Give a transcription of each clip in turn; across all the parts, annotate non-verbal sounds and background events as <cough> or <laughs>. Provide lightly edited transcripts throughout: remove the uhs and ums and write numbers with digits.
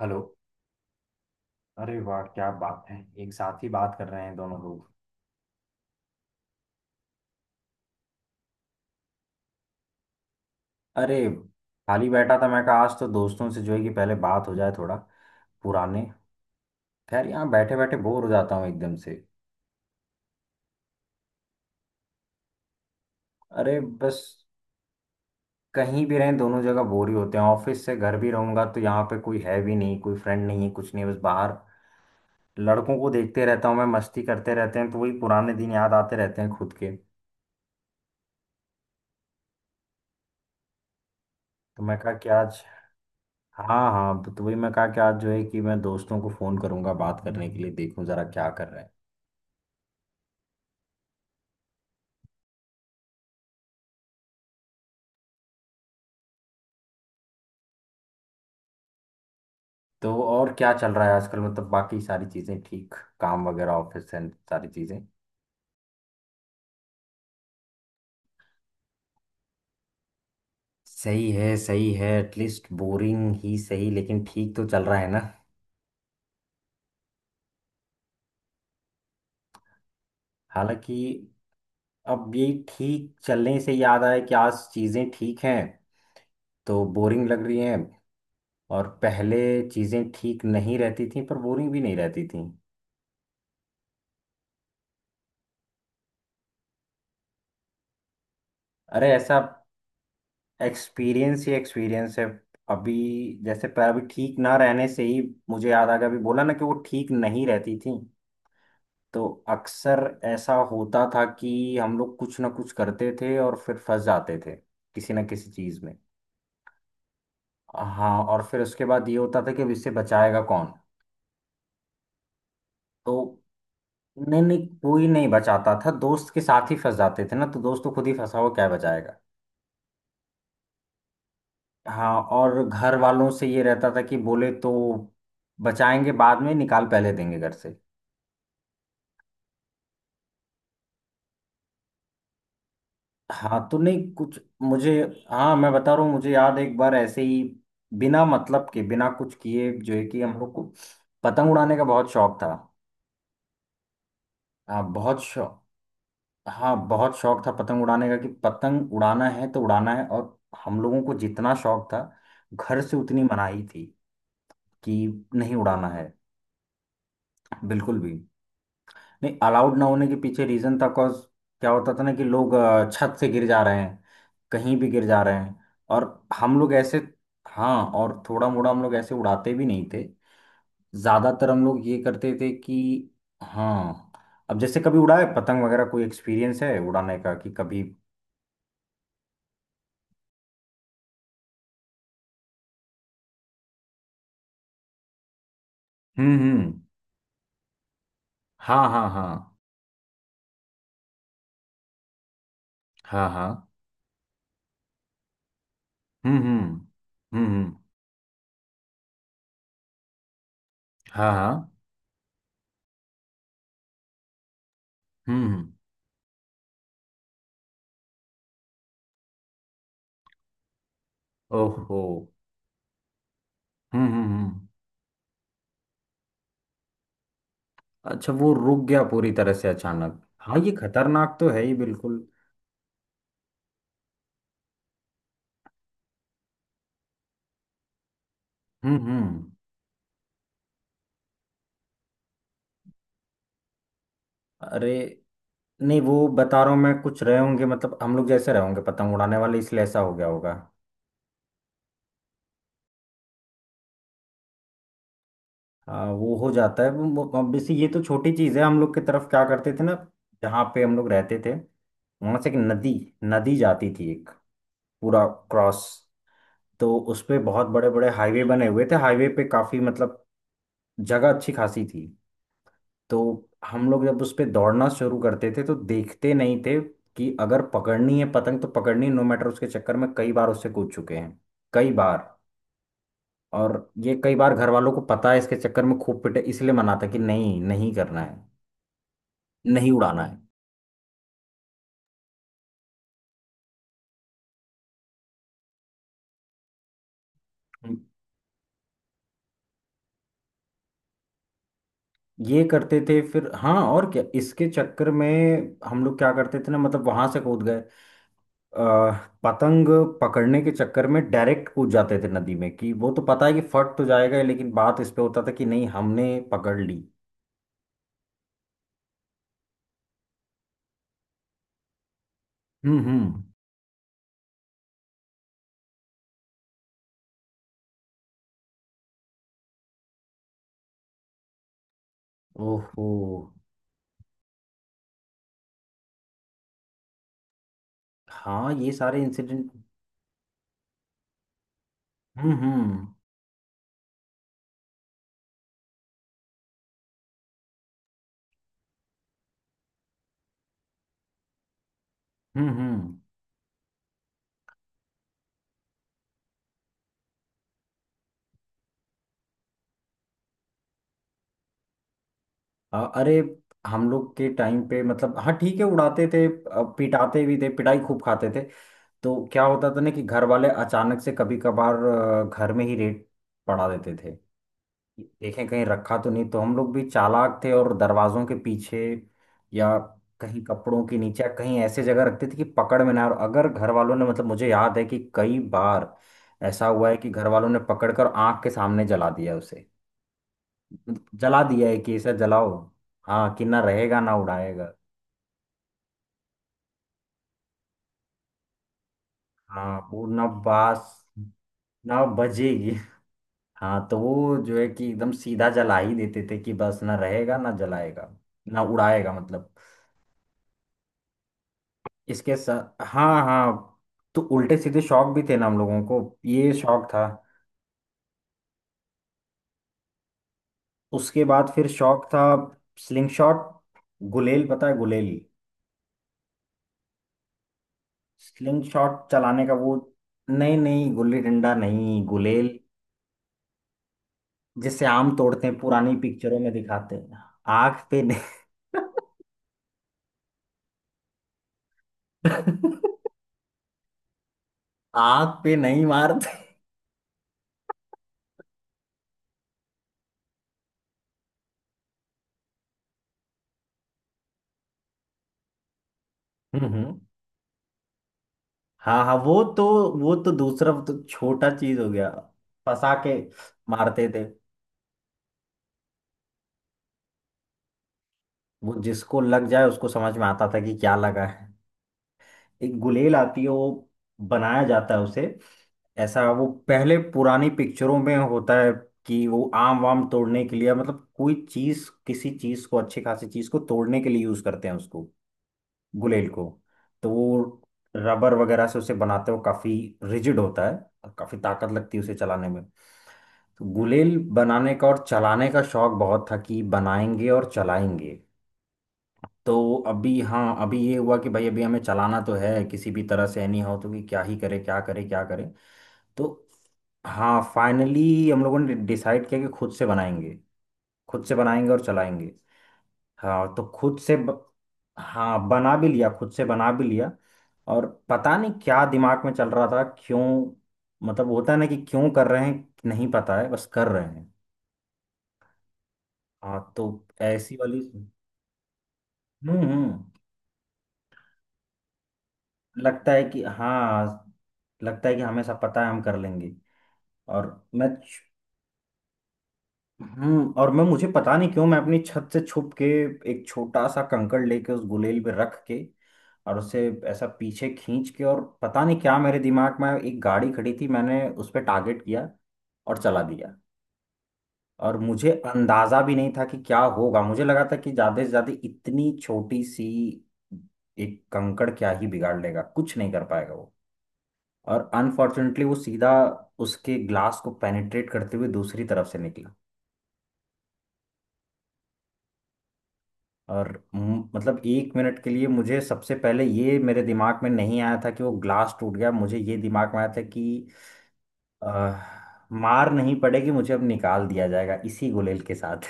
Hello. अरे वाह क्या बात है। एक साथ ही बात कर रहे हैं दोनों लोग। अरे खाली बैठा था। मैं कहा आज तो दोस्तों से जो है कि पहले बात हो जाए थोड़ा पुराने। खैर यहाँ बैठे बैठे बोर हो जाता हूँ एकदम से। अरे बस कहीं भी रहें दोनों जगह बोर ही होते हैं। ऑफिस से घर भी रहूंगा तो यहाँ पे कोई है भी नहीं, कोई फ्रेंड नहीं है, कुछ नहीं, बस बाहर लड़कों को देखते रहता हूँ मैं, मस्ती करते रहते हैं तो वही पुराने दिन याद आते रहते हैं खुद के। तो मैं कहा कि आज, हाँ हाँ तो वही मैं कहा कि आज जो है कि मैं दोस्तों को फोन करूंगा बात करने के लिए, देखूं जरा क्या कर रहे हैं। तो और क्या चल रहा है आजकल? मतलब बाकी सारी चीजें ठीक, काम वगैरह ऑफिस एंड सारी चीजें। सही है, सही है। एटलीस्ट बोरिंग ही सही लेकिन ठीक तो चल रहा है ना। हालांकि अब ये ठीक चलने से याद आया कि आज चीजें ठीक हैं तो बोरिंग लग रही हैं, और पहले चीजें ठीक नहीं रहती थी पर बोरिंग भी नहीं रहती थी। अरे ऐसा एक्सपीरियंस ही एक्सपीरियंस है। अभी जैसे पैर अभी ठीक ना रहने से ही मुझे याद आ गया, अभी बोला ना कि वो ठीक नहीं रहती थी, तो अक्सर ऐसा होता था कि हम लोग कुछ ना कुछ करते थे और फिर फंस जाते थे किसी ना किसी चीज में। हाँ और फिर उसके बाद ये होता था कि अब इससे बचाएगा कौन। तो नहीं नहीं, कोई नहीं बचाता था, दोस्त के साथ ही फंस जाते थे ना, तो दोस्त तो खुद ही फंसा हुआ क्या बचाएगा। हाँ और घर वालों से ये रहता था कि बोले तो बचाएंगे बाद में, निकाल पहले देंगे घर से। हाँ तो नहीं कुछ मुझे, हाँ मैं बता रहा हूँ, मुझे याद एक बार ऐसे ही बिना मतलब के, बिना कुछ किए जो है कि हम लोग को पतंग उड़ाने का बहुत शौक था। हाँ बहुत शौक। हाँ बहुत शौक था पतंग उड़ाने का कि पतंग उड़ाना है तो उड़ाना है। और हम लोगों को जितना शौक था घर से उतनी मनाही थी कि नहीं उड़ाना है, बिल्कुल भी नहीं। अलाउड ना होने के पीछे रीजन था, कॉज क्या होता था ना कि लोग छत से गिर जा रहे हैं, कहीं भी गिर जा रहे हैं। और हम लोग ऐसे, हाँ और थोड़ा मोड़ा हम लोग ऐसे उड़ाते भी नहीं थे, ज्यादातर हम लोग ये करते थे कि, हाँ अब जैसे कभी उड़ाए पतंग वगैरह, कोई एक्सपीरियंस है उड़ाने का कि कभी। हम्म। हाँ हाँ हाँ। हाँ हाँ। हम्म हम्म हम्म। हम्म हाँ हाँ। हम्म। ओहो। हम्म। अच्छा वो रुक गया पूरी तरह से अचानक? हाँ ये खतरनाक तो है ही बिल्कुल। हम्म। अरे नहीं वो बता रहा हूँ मैं, कुछ रहे होंगे मतलब हम लोग जैसे रहे होंगे पतंग उड़ाने वाले इसलिए ऐसा हो गया होगा। हाँ वो हो जाता है। Obviously ये तो छोटी चीज़ है। हम लोग की तरफ क्या करते थे ना, जहाँ पे हम लोग रहते थे वहां से एक नदी, नदी जाती थी एक, पूरा क्रॉस, तो उस पे बहुत बड़े बड़े हाईवे बने हुए थे। हाईवे पे काफी मतलब जगह अच्छी खासी थी। तो हम लोग जब उस पे दौड़ना शुरू करते थे तो देखते नहीं थे कि अगर पकड़नी है पतंग तो पकड़नी, नो मैटर। उसके चक्कर में कई बार उससे कूद चुके हैं, कई बार। और ये कई बार घर वालों को पता है, इसके चक्कर में खूब पिटे इसलिए मना था कि नहीं नहीं करना है, नहीं उड़ाना है। हम ये करते थे फिर, हाँ और क्या, इसके चक्कर में हम लोग क्या करते थे ना, मतलब वहां से कूद गए, अ, पतंग पकड़ने के चक्कर में डायरेक्ट कूद जाते थे नदी में कि वो तो पता है कि फट तो जाएगा ही, लेकिन बात इस पे होता था कि नहीं हमने पकड़ ली। हम्म। ओहो। हाँ ये सारे इंसिडेंट। हम्म हम्म हम्म। अरे हम लोग के टाइम पे मतलब, हाँ ठीक है उड़ाते थे पिटाते भी थे, पिटाई खूब खाते थे। तो क्या होता था ना कि घर वाले अचानक से कभी कभार घर में ही रेड पड़ा देते थे, देखें कहीं रखा तो नहीं। तो हम लोग भी चालाक थे, और दरवाजों के पीछे या कहीं कपड़ों के नीचे, कहीं ऐसे जगह रखते थे कि पकड़ में ना आए। और अगर घर वालों ने, मतलब मुझे याद है कि कई बार ऐसा हुआ है कि घर वालों ने पकड़कर आंख के सामने जला दिया उसे, मतलब जला दिया है कि इसे जलाओ। हाँ कि ना रहेगा ना उड़ाएगा। हाँ वो ना बास ना बजेगी। हाँ तो वो जो है कि एकदम सीधा जला ही देते थे कि बस ना रहेगा ना जलाएगा ना उड़ाएगा मतलब। इसके साथ, हाँ हाँ, तो उल्टे सीधे शौक भी थे ना हम लोगों को। ये शौक था, उसके बाद फिर शौक था स्लिंग शॉट, गुलेल। पता है गुलेल? स्लिंग शॉट चलाने का वो। नहीं नहीं गुल्ली डंडा नहीं, गुलेल। जिससे आम तोड़ते हैं, पुरानी पिक्चरों में दिखाते हैं। आग पे नहीं। <laughs> आग पे नहीं मारते। हम्म हम्म। हाँ हाँ वो तो, वो तो दूसरा, वो तो छोटा चीज हो गया। फंसा के मारते थे, वो जिसको लग जाए उसको समझ में आता था कि क्या लगा है। एक गुलेल आती है, वो बनाया जाता है उसे, ऐसा वो पहले पुरानी पिक्चरों में होता है कि वो आम वाम तोड़ने के लिए मतलब कोई चीज, किसी चीज को, अच्छी खासी चीज को तोड़ने के लिए यूज करते हैं उसको, गुलेल को। तो वो रबर वगैरह से उसे बनाते हो, काफी रिजिड होता है और काफी ताकत लगती है उसे चलाने में। तो गुलेल बनाने का और चलाने का शौक बहुत था कि बनाएंगे और चलाएंगे। तो अभी हाँ अभी ये हुआ कि भाई अभी हमें चलाना तो है, किसी भी तरह से नहीं हो तो कि क्या ही करे क्या करे क्या करे। तो हाँ फाइनली हम लोगों ने डिसाइड किया कि खुद से बनाएंगे, खुद से बनाएंगे और चलाएंगे। हाँ तो खुद से हाँ बना भी लिया खुद से, बना भी लिया। और पता नहीं क्या दिमाग में चल रहा था क्यों, मतलब होता है ना कि क्यों कर रहे हैं, नहीं पता है बस कर रहे हैं। हाँ तो ऐसी वाली, हम्म, लगता है कि हाँ, लगता है कि हमें सब पता है, हम कर लेंगे। और मैं और मैं, मुझे पता नहीं क्यों, मैं अपनी छत से छुप के एक छोटा सा कंकड़ लेके उस गुलेल पे रख के और उसे ऐसा पीछे खींच के, और पता नहीं क्या मेरे दिमाग में, एक गाड़ी खड़ी थी, मैंने उस पर टारगेट किया और चला दिया। और मुझे अंदाजा भी नहीं था कि क्या होगा। मुझे लगा था कि ज्यादा से ज्यादा इतनी छोटी सी एक कंकड़ क्या ही बिगाड़ लेगा, कुछ नहीं कर पाएगा वो। और अनफॉर्चुनेटली वो सीधा उसके ग्लास को पेनिट्रेट करते हुए दूसरी तरफ से निकला। और मतलब एक मिनट के लिए मुझे सबसे पहले ये मेरे दिमाग में नहीं आया था कि वो ग्लास टूट गया, मुझे ये दिमाग में आया था कि अह, मार नहीं पड़ेगी, मुझे अब निकाल दिया जाएगा इसी गुलेल के साथ।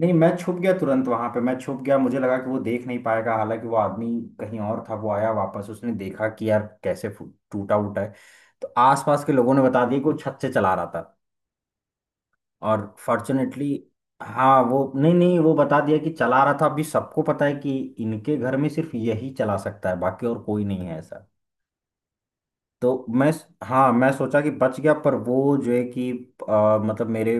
नहीं मैं छुप गया तुरंत, वहां पे मैं छुप गया, मुझे लगा कि वो देख नहीं पाएगा। हालांकि वो आदमी कहीं और था, वो आया वापस, उसने देखा कि यार कैसे टूटा उटा है। तो आसपास के लोगों ने बता दिया कि वो छत से चला रहा था। और फॉर्चुनेटली हाँ वो नहीं नहीं, वो बता दिया कि चला रहा था, अभी सबको पता है कि इनके घर में सिर्फ यही चला सकता है बाकी और कोई नहीं है ऐसा। तो मैं हाँ मैं सोचा कि बच गया, पर वो जो है कि मतलब मेरे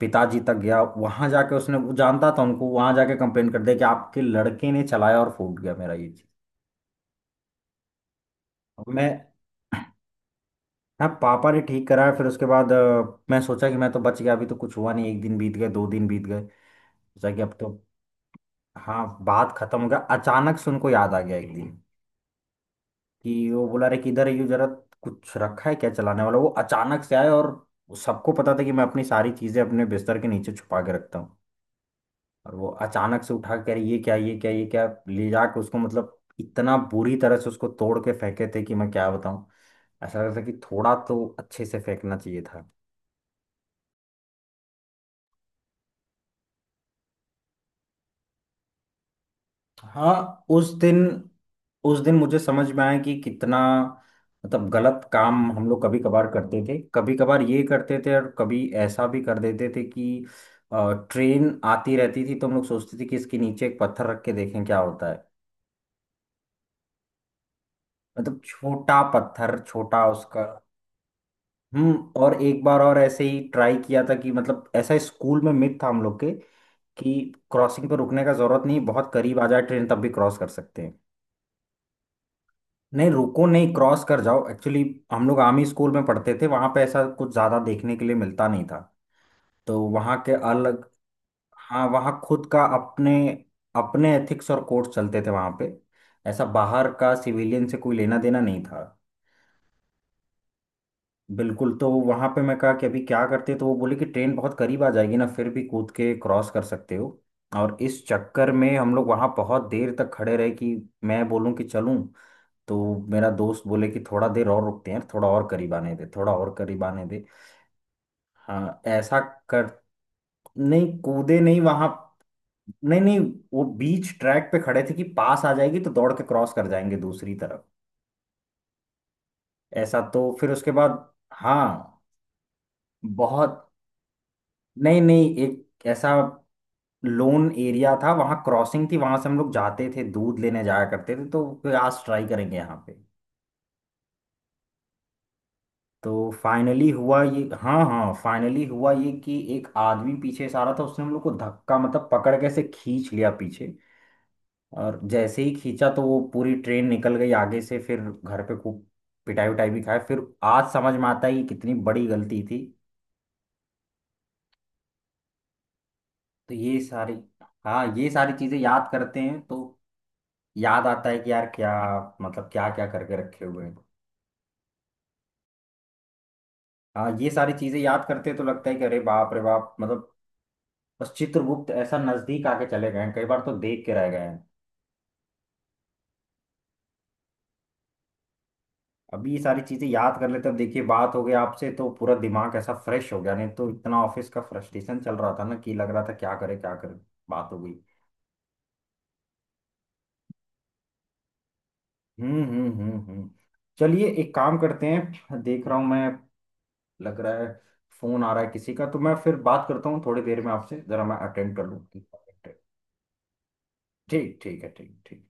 पिताजी तक गया, वहां जाके, उसने वो जानता था उनको, वहां जाके कंप्लेन कर दिया कि आपके लड़के ने चलाया और फूट गया मेरा ये चीज। मैं हाँ पापा ने ठीक कराया। फिर उसके बाद मैं सोचा कि मैं तो बच गया, अभी तो कुछ हुआ नहीं, एक दिन बीत गए, दो दिन बीत गए, सोचा कि अब तो हाँ बात खत्म हो गया। अचानक से उनको याद आ गया एक दिन कि वो बोला रे किधर है यू जरा, कुछ रखा है क्या चलाने वाला? वो अचानक से आए। और सबको पता था कि मैं अपनी सारी चीजें अपने बिस्तर के नीचे छुपा के रखता हूँ। और वो अचानक से उठा कर ये क्या ये क्या ये क्या, ले जाके उसको मतलब इतना बुरी तरह से उसको तोड़ के फेंके थे कि मैं क्या बताऊँ। ऐसा लगता था कि थोड़ा तो अच्छे से फेंकना चाहिए था। हाँ उस दिन, उस दिन मुझे समझ में आया कि कितना मतलब गलत काम हम लोग कभी कभार करते थे। कभी कभार ये करते थे और कभी ऐसा भी कर देते थे कि ट्रेन आती रहती थी तो हम लोग सोचते थे कि इसके नीचे एक पत्थर रख के देखें क्या होता है, मतलब छोटा पत्थर, छोटा उसका। हम्म। और एक बार और ऐसे ही ट्राई किया था कि मतलब ऐसा स्कूल में मिथ था हम लोग के कि क्रॉसिंग पर रुकने का जरूरत नहीं, बहुत करीब आ जाए ट्रेन तब भी क्रॉस कर सकते हैं। नहीं रुको, नहीं क्रॉस कर जाओ एक्चुअली। हम लोग आर्मी स्कूल में पढ़ते थे, वहां पे ऐसा कुछ ज्यादा देखने के लिए मिलता नहीं था। तो वहां के अलग, हाँ वहाँ खुद का, अपने अपने एथिक्स और कोड चलते थे वहाँ पे, ऐसा बाहर का सिविलियन से कोई लेना देना नहीं था बिल्कुल। तो वहाँ पे मैं कहा कि अभी क्या करते, तो वो बोले कि ट्रेन बहुत करीब आ जाएगी ना फिर भी कूद के क्रॉस कर सकते हो। और इस चक्कर में हम लोग वहाँ बहुत देर तक खड़े रहे कि मैं बोलूँ कि चलूँ तो मेरा दोस्त बोले कि थोड़ा देर और रुकते हैं, थोड़ा और करीब आने दे, थोड़ा और करीब आने दे। हाँ ऐसा कर नहीं कूदे नहीं वहां, नहीं नहीं, वो बीच ट्रैक पे खड़े थे कि पास आ जाएगी तो दौड़ के क्रॉस कर जाएंगे दूसरी तरफ। ऐसा तो फिर उसके बाद, हाँ बहुत, नहीं नहीं एक ऐसा लोन एरिया था, वहां क्रॉसिंग थी, वहां से हम लोग जाते थे दूध लेने जाया करते थे, तो फिर आज ट्राई करेंगे यहाँ पे। तो फाइनली हुआ ये, हाँ हाँ फाइनली हुआ ये कि एक आदमी पीछे से आ रहा था, उसने हम लोग को धक्का मतलब पकड़ के ऐसे खींच लिया पीछे। और जैसे ही खींचा तो वो पूरी ट्रेन निकल गई आगे से। फिर घर पे खूब पिटाई उटाई भी खाया। फिर आज समझ में आता है कि कितनी बड़ी गलती थी। तो ये सारी, हाँ ये सारी चीजें याद करते हैं तो याद आता है कि यार क्या, मतलब क्या क्या करके रखे हुए हैं। हाँ ये सारी चीजें याद करते तो लगता है कि अरे बाप रे बाप मतलब, बस चित्रगुप्त ऐसा नजदीक आके चले गए हैं कई बार, तो देख के रह गए हैं। अभी ये सारी चीजें याद कर लेते हैं। अब देखिए बात हो गई आपसे तो पूरा दिमाग ऐसा फ्रेश हो गया, नहीं तो इतना ऑफिस का फ्रस्ट्रेशन चल रहा था ना कि लग रहा था क्या करे क्या करे। बात हो गई। हम्म। चलिए एक काम करते हैं, देख रहा हूँ मैं, लग रहा है फोन आ रहा है किसी का, तो मैं फिर बात करता हूँ थोड़ी देर में आपसे, जरा मैं अटेंड कर लूँ ठीक। ठीक ठीक है, ठीक ठीक।